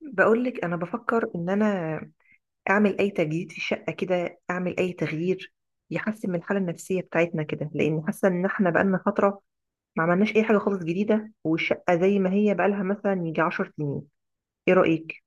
بقولك انا بفكر ان انا اعمل اي تجديد في الشقه كده، اعمل اي تغيير يحسن من الحاله النفسيه بتاعتنا كده، لان حاسه ان احنا بقالنا فتره ما عملناش اي حاجه خالص جديده، والشقه زي ما هي بقالها مثلا يجي 10 سنين. ايه رايك؟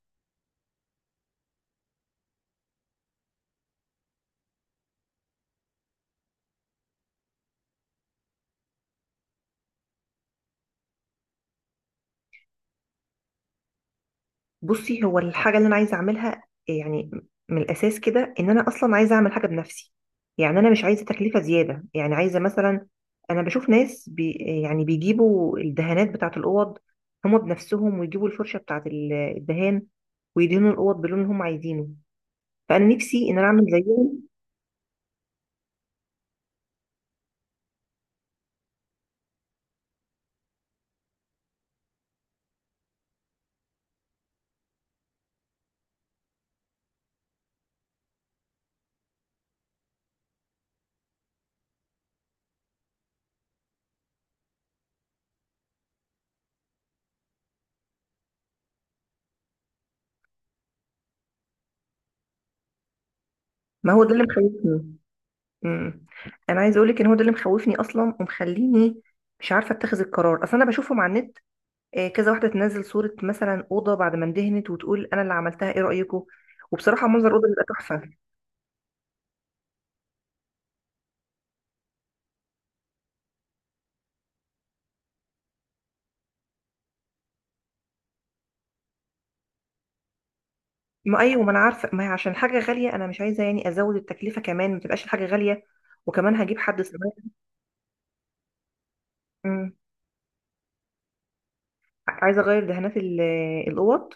بصي، هو الحاجة اللي أنا عايزة أعملها يعني من الأساس كده إن أنا أصلا عايزة أعمل حاجة بنفسي. يعني أنا مش عايزة تكلفة زيادة، يعني عايزة مثلا، أنا بشوف ناس يعني بيجيبوا الدهانات بتاعة الأوض هما بنفسهم، ويجيبوا الفرشة بتاعة الدهان، ويدهنوا الأوض باللون اللي هما عايزينه، فأنا نفسي إن أنا أعمل زيهم. ما هو ده اللي مخوفني. أمم. أنا عايزة أقولك إن هو ده اللي مخوفني أصلا ومخليني مش عارفة أتخذ القرار أصلا. أنا بشوفهم على النت، كذا واحده تنزل صوره مثلا اوضه بعد ما اندهنت وتقول انا اللي عملتها، ايه رايكم؟ وبصراحه منظر الاوضه بيبقى تحفه. ما ايوه، ما انا عارفه، ما هي عشان حاجه غاليه انا مش عايزه يعني ازود التكلفه، كمان ما تبقاش الحاجه غاليه، وكمان هجيب حد صغير. مم. عايزه اغير دهانات الاوض،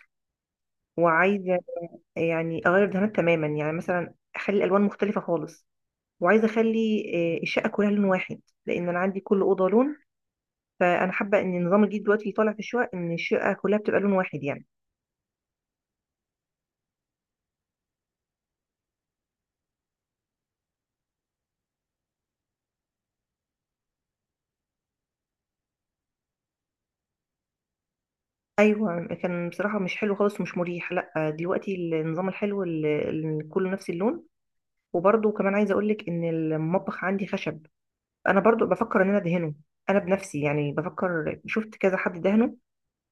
وعايزه يعني اغير دهانات تماما، يعني مثلا اخلي الالوان مختلفه خالص، وعايزه اخلي الشقه كلها لون واحد، لان انا عندي كل اوضه لون. فانا حابه ان النظام الجديد دلوقتي اللي طالع في الشقق ان الشقه كلها بتبقى لون واحد يعني. ايوه، كان بصراحه مش حلو خالص، مش مريح، لا دلوقتي النظام الحلو اللي كله نفس اللون. وبرضه كمان عايزه اقول لك ان المطبخ عندي خشب، انا برضه بفكر ان انا ادهنه انا بنفسي. يعني بفكر، شفت كذا حد دهنه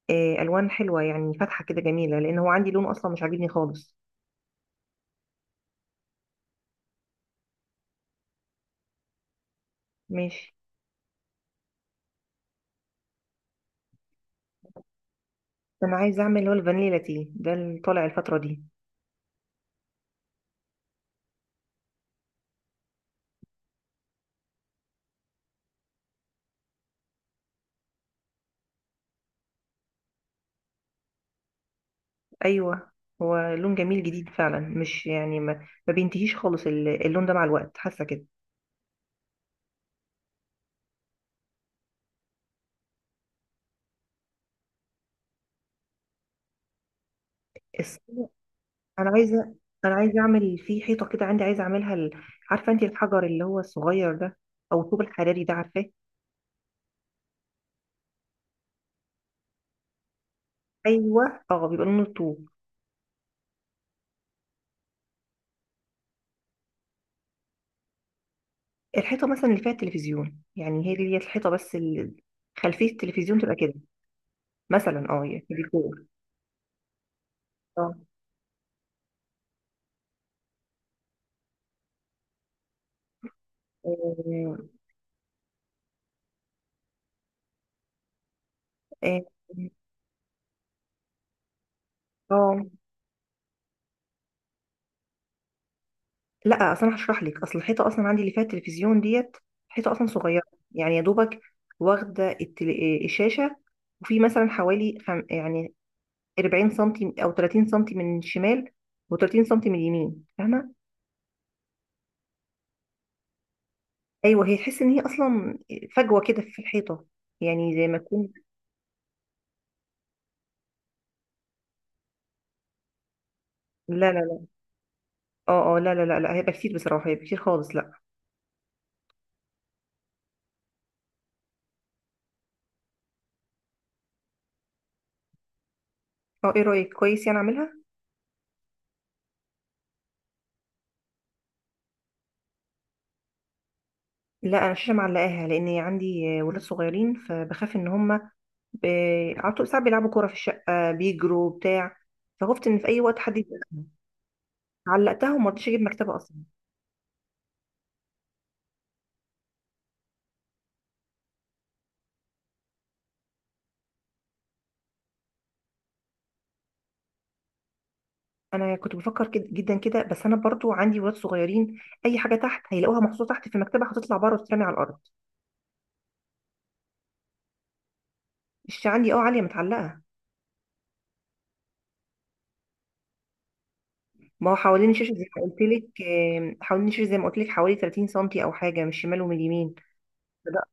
الوان حلوه، يعني فاتحه كده جميله، لان هو عندي لون اصلا مش عاجبني خالص. ماشي، انا عايزه اعمل اللي هو الفانيلا تي ده اللي طالع الفتره دي. ايوه، هو لون جميل جديد فعلا، مش يعني ما بينتهيش خالص اللون ده مع الوقت، حاسه كده. انا عايزه، انا عايزه اعمل في حيطه كده عندي، عايزه اعملها عارفه انت الحجر اللي هو الصغير ده؟ او الطوب الحراري ده، عارفاه؟ ايوه، اه بيبقى لونه الطوب. الحيطه مثلا اللي فيها التلفزيون، يعني هي دي الحيطه، بس خلفيه التلفزيون تبقى كده. مثلا اه، يعني ديكور. اه اه. آه، آه. آه. لا اصل انا هشرح لك، اصل الحيطه اصلا عندي اللي فيها التلفزيون ديت حيطه اصلا صغيره. يعني يا دوبك واخده التل... آه، الشاشه، وفي مثلا حوالي يعني 40 سنتي او 30 سنتي من الشمال، و30 سنتي من اليمين، فاهمه؟ ايوه، هي تحس ان هي اصلا فجوه كده في الحيطه، يعني زي ما تكون. لا لا لا. اه اه لا لا لا لا، هيبقى كتير بصراحه، هيبقى كتير خالص، لا. اه ايه رايك؟ كويس يعني، اعملها. لا انا الشاشه معلقاها، لان عندي ولاد صغيرين، فبخاف ان هم ب... على طول ساعات بيلعبوا كوره في الشقه، بيجروا بتاع، فخفت ان في اي وقت حد يبقى. علقتها وما رضيتش اجيب مكتبه اصلا. انا كنت بفكر كده جدا كده، بس انا برضو عندي ولاد صغيرين، اي حاجه تحت هيلاقوها محطوطه تحت في المكتبه، هتطلع بره وتترمي على الارض. الشاشه عندي اه عاليه، متعلقه. ما هو حوالين الشاشه زي ما قلت لك حوالين الشاشه زي ما قلت لك حوالي 30 سنتي او حاجه من الشمال ومن اليمين. لا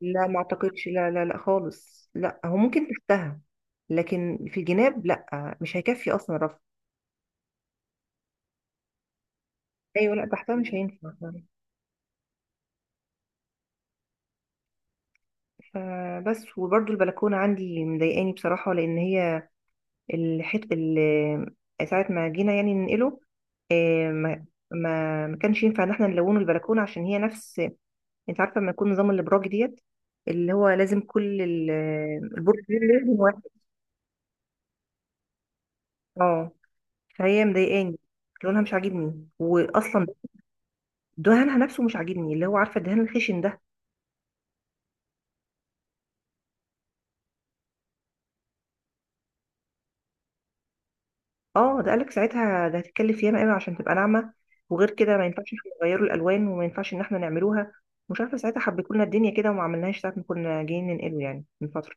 لا ما اعتقدش، لا لا لا خالص، لا هو ممكن تحتها، لكن في الجناب لا، مش هيكفي اصلا رف. ايوه لا تحتها مش هينفع. فبس، وبرضو البلكونه عندي مضايقاني بصراحه، لان هي الحت ال- ساعة ما جينا يعني ننقله، آه، ما ما كانش ينفع ان احنا نلونه البلكونة، عشان هي نفس، انت عارفة لما يكون نظام الابراج ديت اللي هو لازم كل البرج لازم واحد. اه، فهي مضايقاني، لونها مش عاجبني، واصلا دهانها نفسه مش عاجبني، اللي هو عارفة الدهان الخشن ده. اه ده، قالك ساعتها ده هتتكلف ياما قوي عشان تبقى ناعمه، وغير كده ما ينفعش احنا نغيروا الالوان، وما ينفعش ان احنا نعملوها. مش عارفه، ساعتها حبيتوا لنا الدنيا كده وما عملناهاش ساعه ما كنا جايين ننقله يعني من فتره.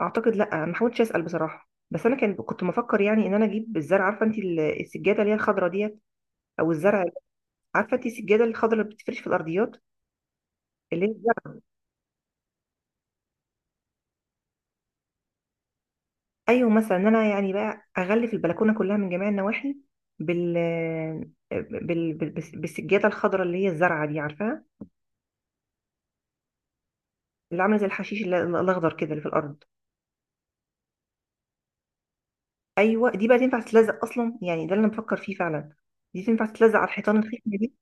اعتقد لا، ما حاولتش اسال بصراحه، بس انا كان كنت مفكر يعني ان انا اجيب الزرع. عارفه انت السجاده اللي هي الخضراء ديت، او الزرع؟ عارفه انت السجاده الخضراء اللي بتفرش في الارضيات، اللي هي الزرع؟ ايوه، مثلا ان انا يعني بقى اغلف البلكونه كلها من جميع النواحي بال بالسجاده الخضراء اللي هي الزرعه دي، عارفاها؟ اللي عامله زي الحشيش الاخضر كده اللي في الارض. ايوه دي بقى تنفع تتلزق اصلا، يعني ده اللي انا بفكر فيه فعلا، دي تنفع تتلزق على الحيطان الخشنه دي.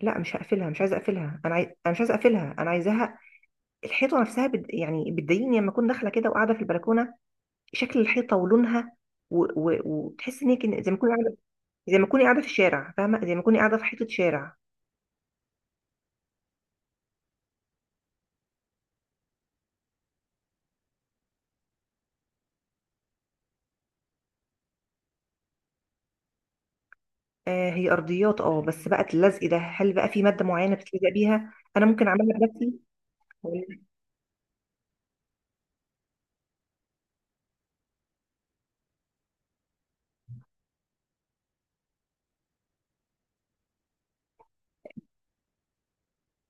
لا مش هقفلها، مش عايزه اقفلها، انا عايز، انا مش عايزه اقفلها، انا عايزاها. الحيطه نفسها يعني بتضايقني لما اكون داخله كده وقاعده في البلكونه، شكل الحيطه ولونها، وتحس ان هي زي ما اكون قاعده، زي ما اكوني قاعده في الشارع، فاهمه؟ زي ما اكوني قاعده في حيطه شارع. آه هي ارضيات اه، بس بقى اللزق ده هل بقى في ماده معينه بتلزق بيها، انا ممكن اعملها بنفسي؟ ولا،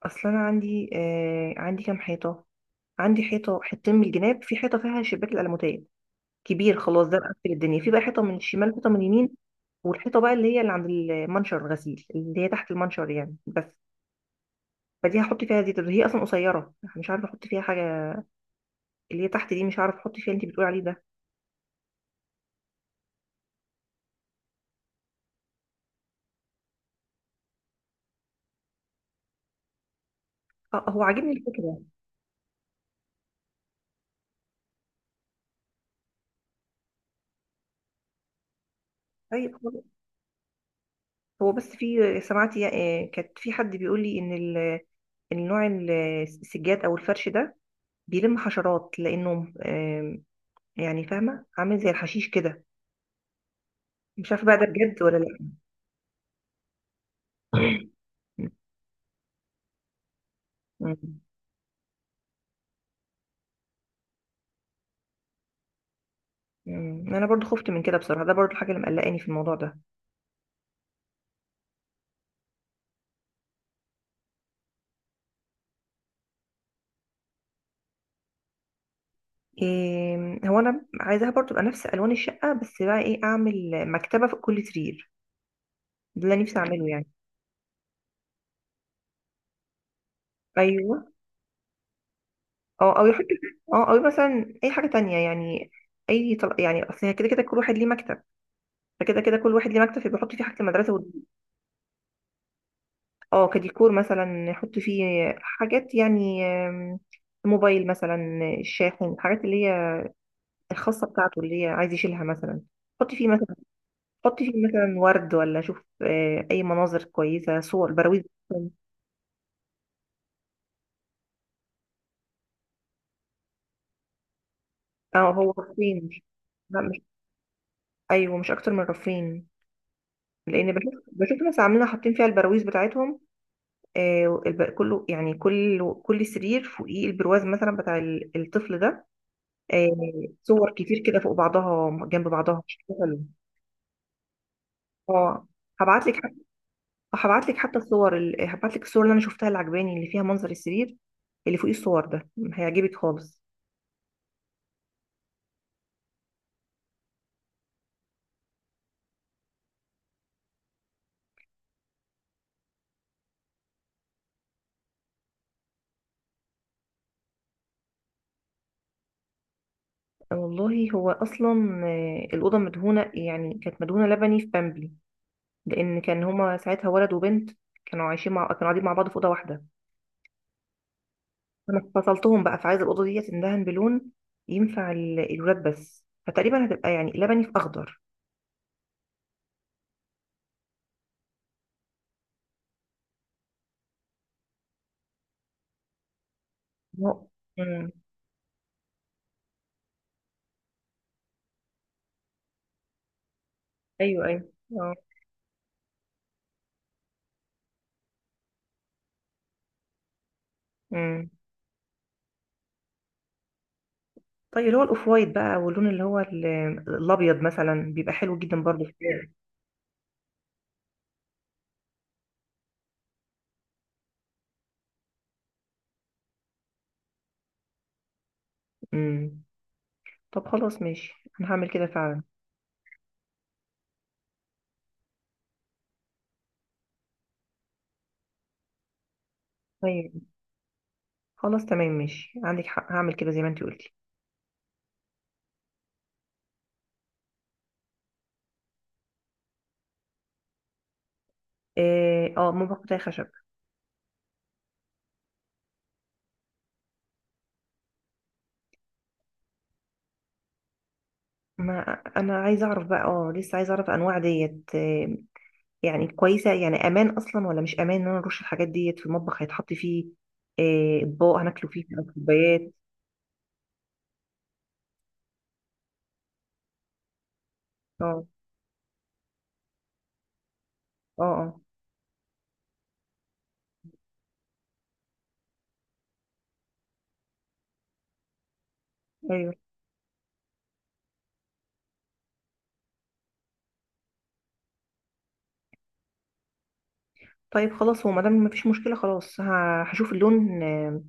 اصل انا عندي آه، عندي كام حيطه. عندي حيطه حتتين من الجناب، في حيطه فيها شباك الالموتيه كبير خلاص، ده مقفل الدنيا. في بقى حيطه من الشمال، حيطه من اليمين، والحيطه بقى اللي هي اللي عند المنشر الغسيل اللي هي تحت المنشر يعني، بس. فدي هحط فيها زيت، هي اصلا قصيره مش عارفه احط فيها حاجه. اللي هي تحت دي مش عارفه احط فيها اللي انت بتقولي عليه ده. اه هو عاجبني الفكره. طيب خلاص. هو بس، في سمعت كانت في حد بيقول لي ان النوع السجاد او الفرش ده بيلم حشرات، لانه يعني فاهمه عامل زي الحشيش كده. مش عارفه بقى ده بجد ولا لا. مم. مم. مم. انا برضو خفت من كده بصراحه، ده برضو الحاجه اللي مقلقاني في الموضوع ده. إيه، هو انا عايزاها برضو تبقى نفس الوان الشقه، بس بقى ايه، اعمل مكتبه في كل سرير، ده اللي نفسي اعمله يعني. ايوه، اه او يحط. اه او مثلا اي حاجه تانية يعني، يعني اصل هي كده كده كل واحد ليه مكتب، فكده كده كل واحد ليه مكتب، فيبقى يحط فيه حاجه المدرسه اه كديكور، مثلا يحط فيه حاجات يعني موبايل مثلا، الشاحن، الحاجات اللي الخاصة بتاعته اللي هي عايز يشيلها مثلا. حطي فيه مثلا حطي فيه مثلا ورد، ولا شوف أي مناظر كويسة، صور، براويز. مثلاً. اه هو رفرين مش، لا مش، أيوه مش أكتر من رفرين. لأن بشوف، بشوف ناس عاملين حاطين فيها البراويز بتاعتهم. كله يعني، كل سرير فوقيه البرواز مثلا بتاع الطفل ده. صور كتير كده فوق بعضها جنب بعضها، مش حلو. اه هبعت لك، هبعت لك حتى هبعت لك الصور اللي انا شفتها اللي عجباني، اللي فيها منظر السرير اللي فوقيه الصور ده، هيعجبك خالص. آه والله، هو اصلا الاوضه مدهونه، يعني كانت مدهونه لبني في بامبي، لان كان هما ساعتها ولد وبنت، كانوا عايشين مع، كانوا قاعدين مع بعض في اوضه واحده. انا فصلتهم بقى، فعايزه الاوضه ديت اندهن بلون ينفع الولاد، بس فتقريبا هتبقى يعني لبني في اخضر. مم. ايوه ايوه اه. طيب، اللي هو الاوف وايت بقى، واللون اللي هو الابيض مثلا، بيبقى حلو جدا برضه في الشارع. امم. طب خلاص ماشي، انا هعمل كده فعلا. طيب خلاص تمام ماشي، عندك حق، هعمل كده زي ما انت قلتي. اه ممكن، بتاعي خشب. ما انا عايزه اعرف بقى، اه لسه عايزه اعرف انواع ديت يعني كويسه يعني، امان اصلا ولا مش امان ان انا نرش الحاجات ديت في المطبخ، هيتحط فيه اطباق هناكله فيه او كوبايات. اه اه اه ايوه. طيب خلاص، هو ما دام مفيش مشكله خلاص، هشوف اللون.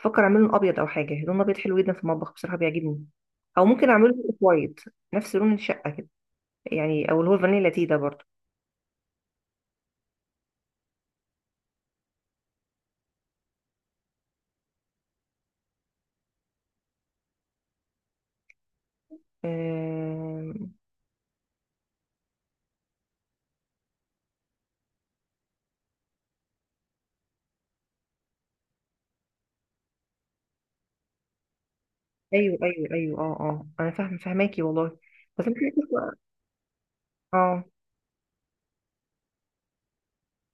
بفكر اعمله ابيض، او حاجه، لون ابيض حلو جدا في المطبخ بصراحه بيعجبني، او ممكن اعمله اوف وايت نفس لون الشقه كده، يعني او اللي هو الفانيلا لاتيه ده برضه. آم، ايوه ايوه ايوه اه اه، انا فاهم، فاهماكي والله. بس انا حاسة- اه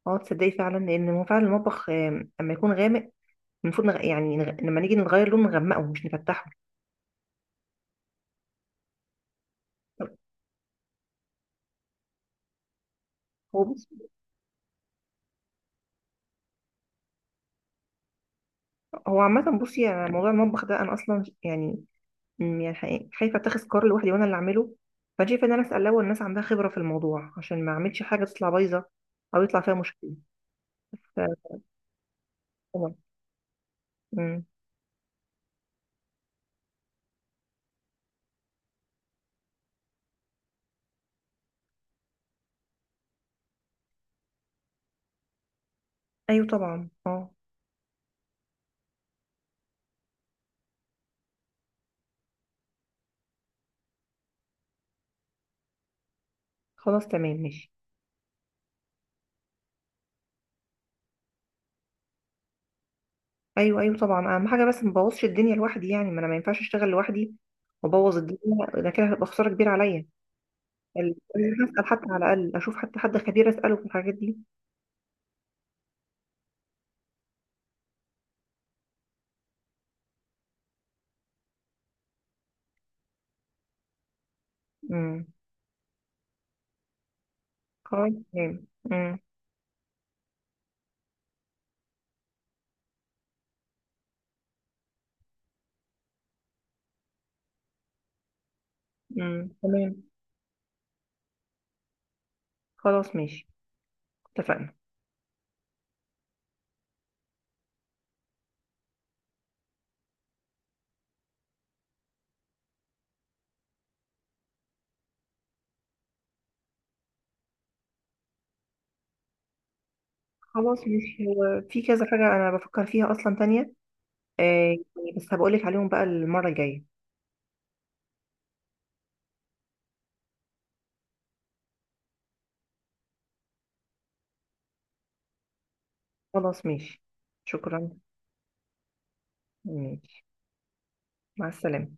اه تصدقي فعلا، لان هو فعلا المطبخ اما يكون غامق، المفروض لما نيجي نغير لون، نغمقه مش نفتحه. هو بص، هو عامة بصي يعني موضوع المطبخ ده أنا أصلا يعني يعني حقيقي خايفه اتخذ قرار لوحدي وانا اللي اعمله، فانا شايفه ان انا اسال الاول الناس عندها خبره في الموضوع، عشان ما اعملش حاجه تطلع بايظه او يطلع فيها مشكله. ف- طبعا. أمم، ايوه طبعا اه. خلاص تمام ماشي. ايوه ايوه طبعا، اهم حاجه بس ما بوظش الدنيا لوحدي، يعني ما انا ما ينفعش اشتغل لوحدي وابوظ الدنيا، ده كده هتبقى خساره كبيره عليا. لازم اسال حتى على الاقل، اشوف حتى حد خبير اساله في الحاجات دي. امم. خلاص تمام. امم. تمام. خلاص ماشي، اتفقنا. خلاص مش، في كذا حاجة أنا بفكر فيها أصلا تانية آه، يعني، بس هبقولك عليهم بقى المرة الجاية. خلاص ماشي، شكرا. ماشي، مع السلامة.